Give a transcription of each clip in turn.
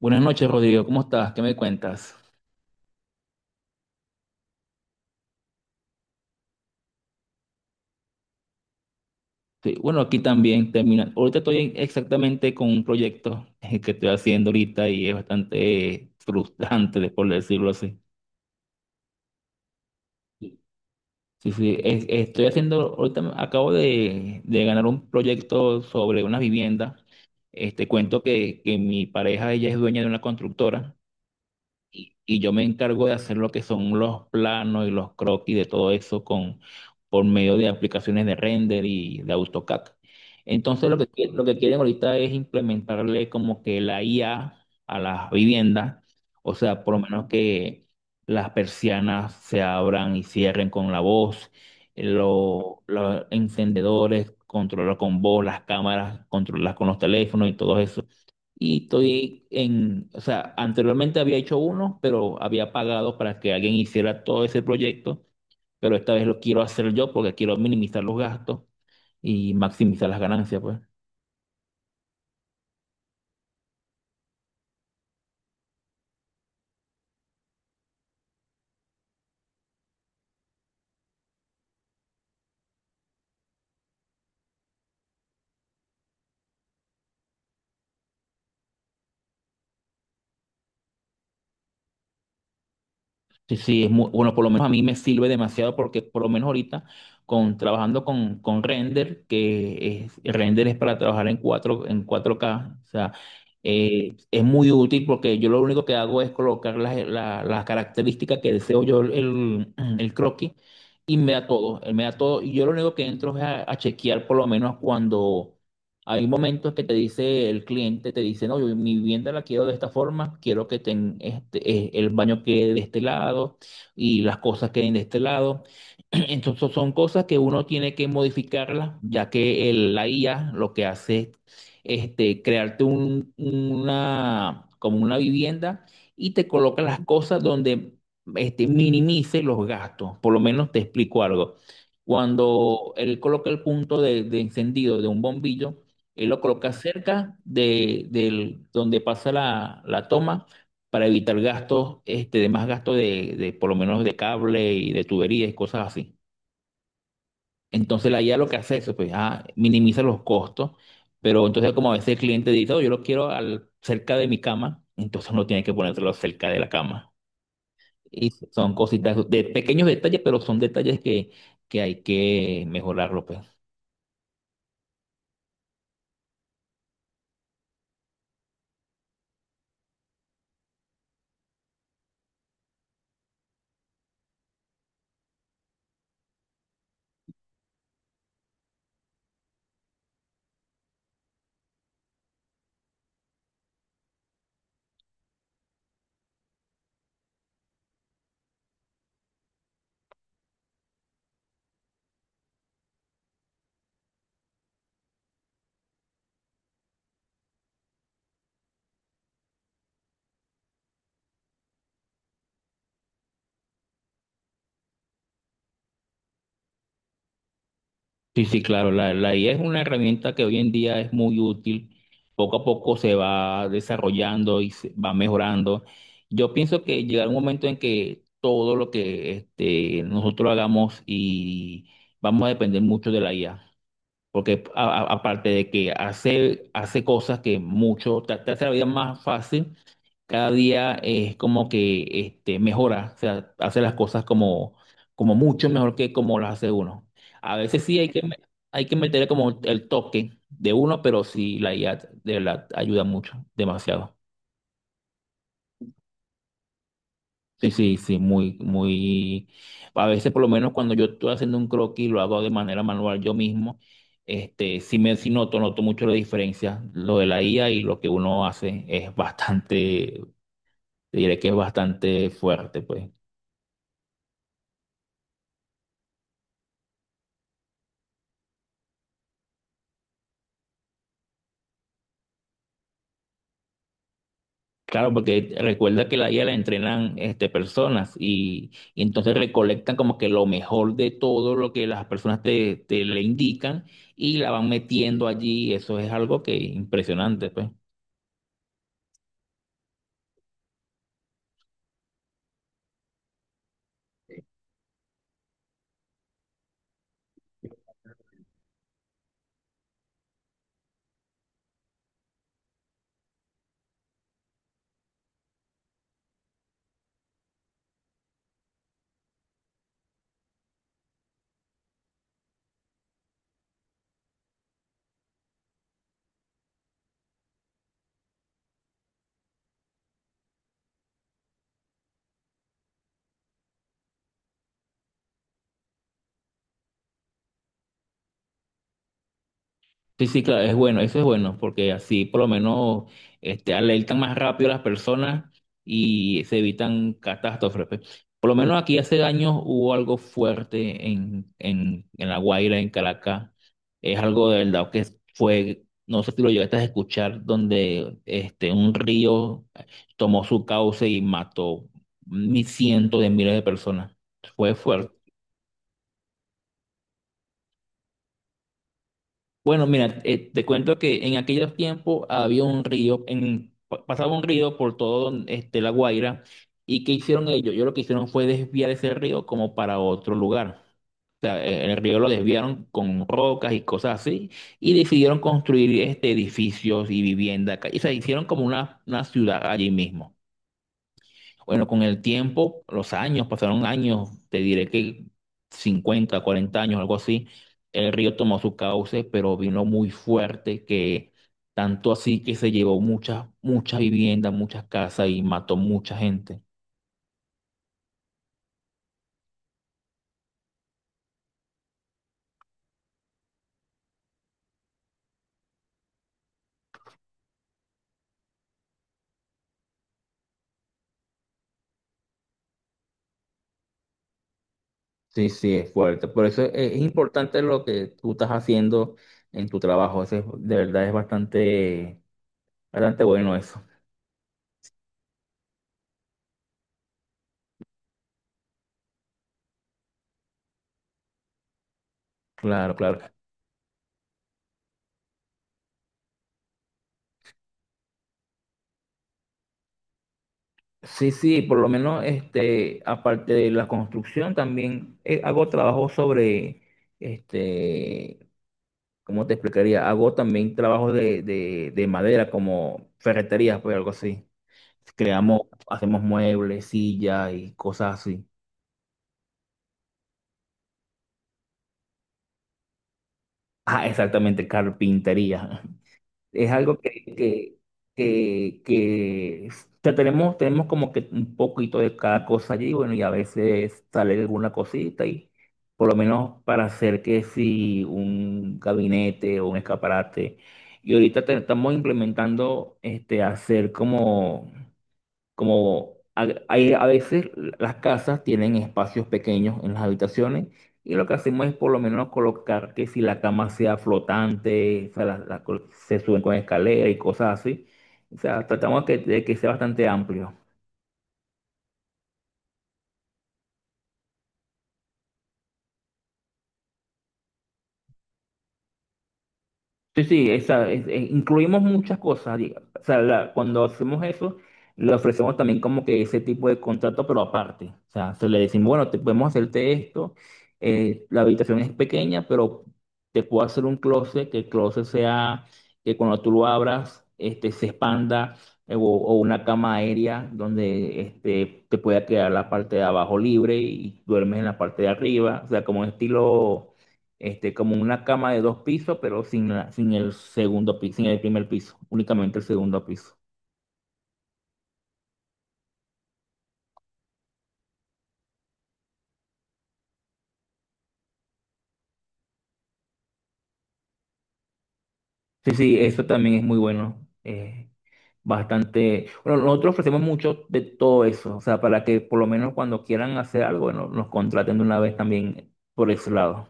Buenas noches, Rodrigo. ¿Cómo estás? ¿Qué me cuentas? Sí, bueno, aquí también termina. Ahorita estoy exactamente con un proyecto, que estoy haciendo ahorita y es bastante, frustrante, por decirlo así. Sí, sí, estoy haciendo, ahorita acabo de ganar un proyecto sobre una vivienda. Este cuento que mi pareja, ella es dueña de una constructora, y yo me encargo de hacer lo que son los planos y los croquis de todo eso con, por medio de aplicaciones de render y de AutoCAD. Entonces lo que, lo que quieren ahorita es implementarle como que la IA a las viviendas, o sea, por lo menos que las persianas se abran y cierren con la voz, los encendedores, controlar con voz, las cámaras, controlar con los teléfonos y todo eso. Y estoy en, o sea, anteriormente había hecho uno, pero había pagado para que alguien hiciera todo ese proyecto, pero esta vez lo quiero hacer yo porque quiero minimizar los gastos y maximizar las ganancias, pues. Sí, sí, es muy, bueno, por lo menos a mí me sirve demasiado, porque por lo menos ahorita con trabajando con render, que es, render es para trabajar en 4K en 4K, o sea, es muy útil porque yo lo único que hago es colocar las las características que deseo yo, el croquis y me da todo, él me da todo, y yo lo único que entro es a chequear. Por lo menos cuando hay momentos que te dice el cliente, te dice, no, yo mi vivienda la quiero de esta forma, quiero que este, el baño quede de este lado y las cosas queden de este lado. Entonces son cosas que uno tiene que modificarlas, ya que la IA lo que hace es este, crearte una, como una vivienda, y te coloca las cosas donde este, minimice los gastos. Por lo menos te explico algo. Cuando él coloca el punto de encendido de un bombillo, él lo coloca cerca donde pasa la, la toma para evitar gastos, este, de más gastos por lo menos de cable y de tuberías y cosas así. Entonces la IA lo que hace es, pues, ah, minimiza los costos, pero entonces como a veces el cliente dice, "Oh, yo lo quiero al, cerca de mi cama", entonces no tiene que ponérselo cerca de la cama. Y son cositas de pequeños detalles, pero son detalles que hay que mejorarlo, pues. Sí, sí, claro, la IA es una herramienta que hoy en día es muy útil, poco a poco se va desarrollando y se va mejorando. Yo pienso que llegará un momento en que todo lo que este, nosotros hagamos, y vamos a depender mucho de la IA, porque aparte de que hace cosas que mucho, te hace la vida más fácil, cada día es como que este, mejora, o sea, hace las cosas como, como mucho mejor que como las hace uno. A veces sí hay que, hay que meterle como el toque de uno, pero sí la IA de verdad ayuda mucho, demasiado. Sí, sí, sí, muy, muy. A veces, por lo menos cuando yo estoy haciendo un croquis, lo hago de manera manual yo mismo. Este, sí me noto, noto mucho la diferencia. Lo de la IA y lo que uno hace es bastante, te diré que es bastante fuerte, pues. Claro, porque recuerda que la IA la entrenan este, personas y entonces recolectan como que lo mejor de todo lo que las personas te le indican, y la van metiendo allí. Eso es algo que impresionante, pues. Sí, sí, claro, es bueno, eso es bueno, porque así por lo menos este, alertan más rápido a las personas y se evitan catástrofes, pues. Por lo menos aquí hace años hubo algo fuerte en La Guaira, en Caracas. Es algo de verdad que fue, no sé si lo llegaste a escuchar, donde este, un río, tomó su cauce y mató mi cientos de miles de personas. Fue fuerte. Bueno, mira, te cuento que en aquellos tiempos había un río, en, pasaba un río por todo este, La Guaira, y ¿qué hicieron ellos? Yo lo que hicieron fue desviar ese río como para otro lugar. O sea, el río lo desviaron con rocas y cosas así, y decidieron construir este, edificios y vivienda, o sea, hicieron como una ciudad allí mismo. Bueno, con el tiempo, los años, pasaron años, te diré que 50 40 años, algo así, el río tomó su cauce, pero vino muy fuerte, que tanto así que se llevó muchas, muchas viviendas, muchas casas y mató mucha gente. Sí, sí, es fuerte. Por eso es importante lo que tú estás haciendo en tu trabajo. De verdad es bastante, bastante bueno eso. Claro, claro. Sí, sí, por lo menos este, aparte de la construcción, también hago trabajo sobre, este, ¿cómo te explicaría? Hago también trabajos de madera, como ferreterías, pues algo así. Creamos, hacemos muebles, sillas y cosas así. Ah, exactamente, carpintería. Es algo que o sea, tenemos, tenemos como que un poquito de cada cosa allí, bueno, y a veces sale alguna cosita y por lo menos para hacer que si un gabinete o un escaparate. Y ahorita estamos implementando este, hacer como como hay a veces las casas tienen espacios pequeños en las habitaciones, y lo que hacemos es por lo menos colocar que si la cama sea flotante, o sea, se suben con escalera y cosas así. O sea, tratamos de que sea bastante amplio. Sí, sí, esa, incluimos muchas cosas, o sea, cuando hacemos eso, le ofrecemos también como que ese tipo de contrato, pero aparte. O sea, se le decimos, bueno, te podemos hacerte esto, la habitación es pequeña, pero te puedo hacer un closet, que el closet sea, que cuando tú lo abras, este, se expanda, o una cama aérea donde este, te pueda quedar la parte de abajo libre y duermes en la parte de arriba. O sea, como un estilo este, como una cama de dos pisos, pero sin, sin el segundo piso, sin el primer piso, únicamente el segundo piso. Sí, sí, eso también es muy bueno. Bastante. Bueno, nosotros ofrecemos mucho de todo eso, o sea, para que por lo menos cuando quieran hacer algo, bueno, nos contraten de una vez también por ese lado.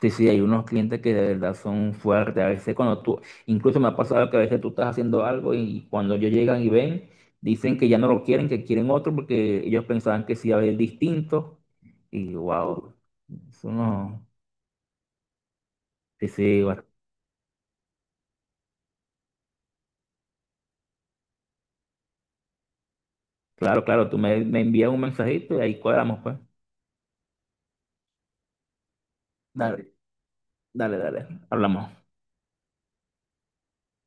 Sí, sí, hay unos clientes que de verdad son fuertes. A veces cuando tú, incluso me ha pasado que a veces tú estás haciendo algo y cuando ellos llegan y ven, dicen que ya no lo quieren, que quieren otro porque ellos pensaban que sí iba a haber distinto. Y wow, eso no. Sí, sí, bueno, claro, claro, tú me envías un mensajito y ahí cuadramos, pues. Dale, dale, dale. Hablamos.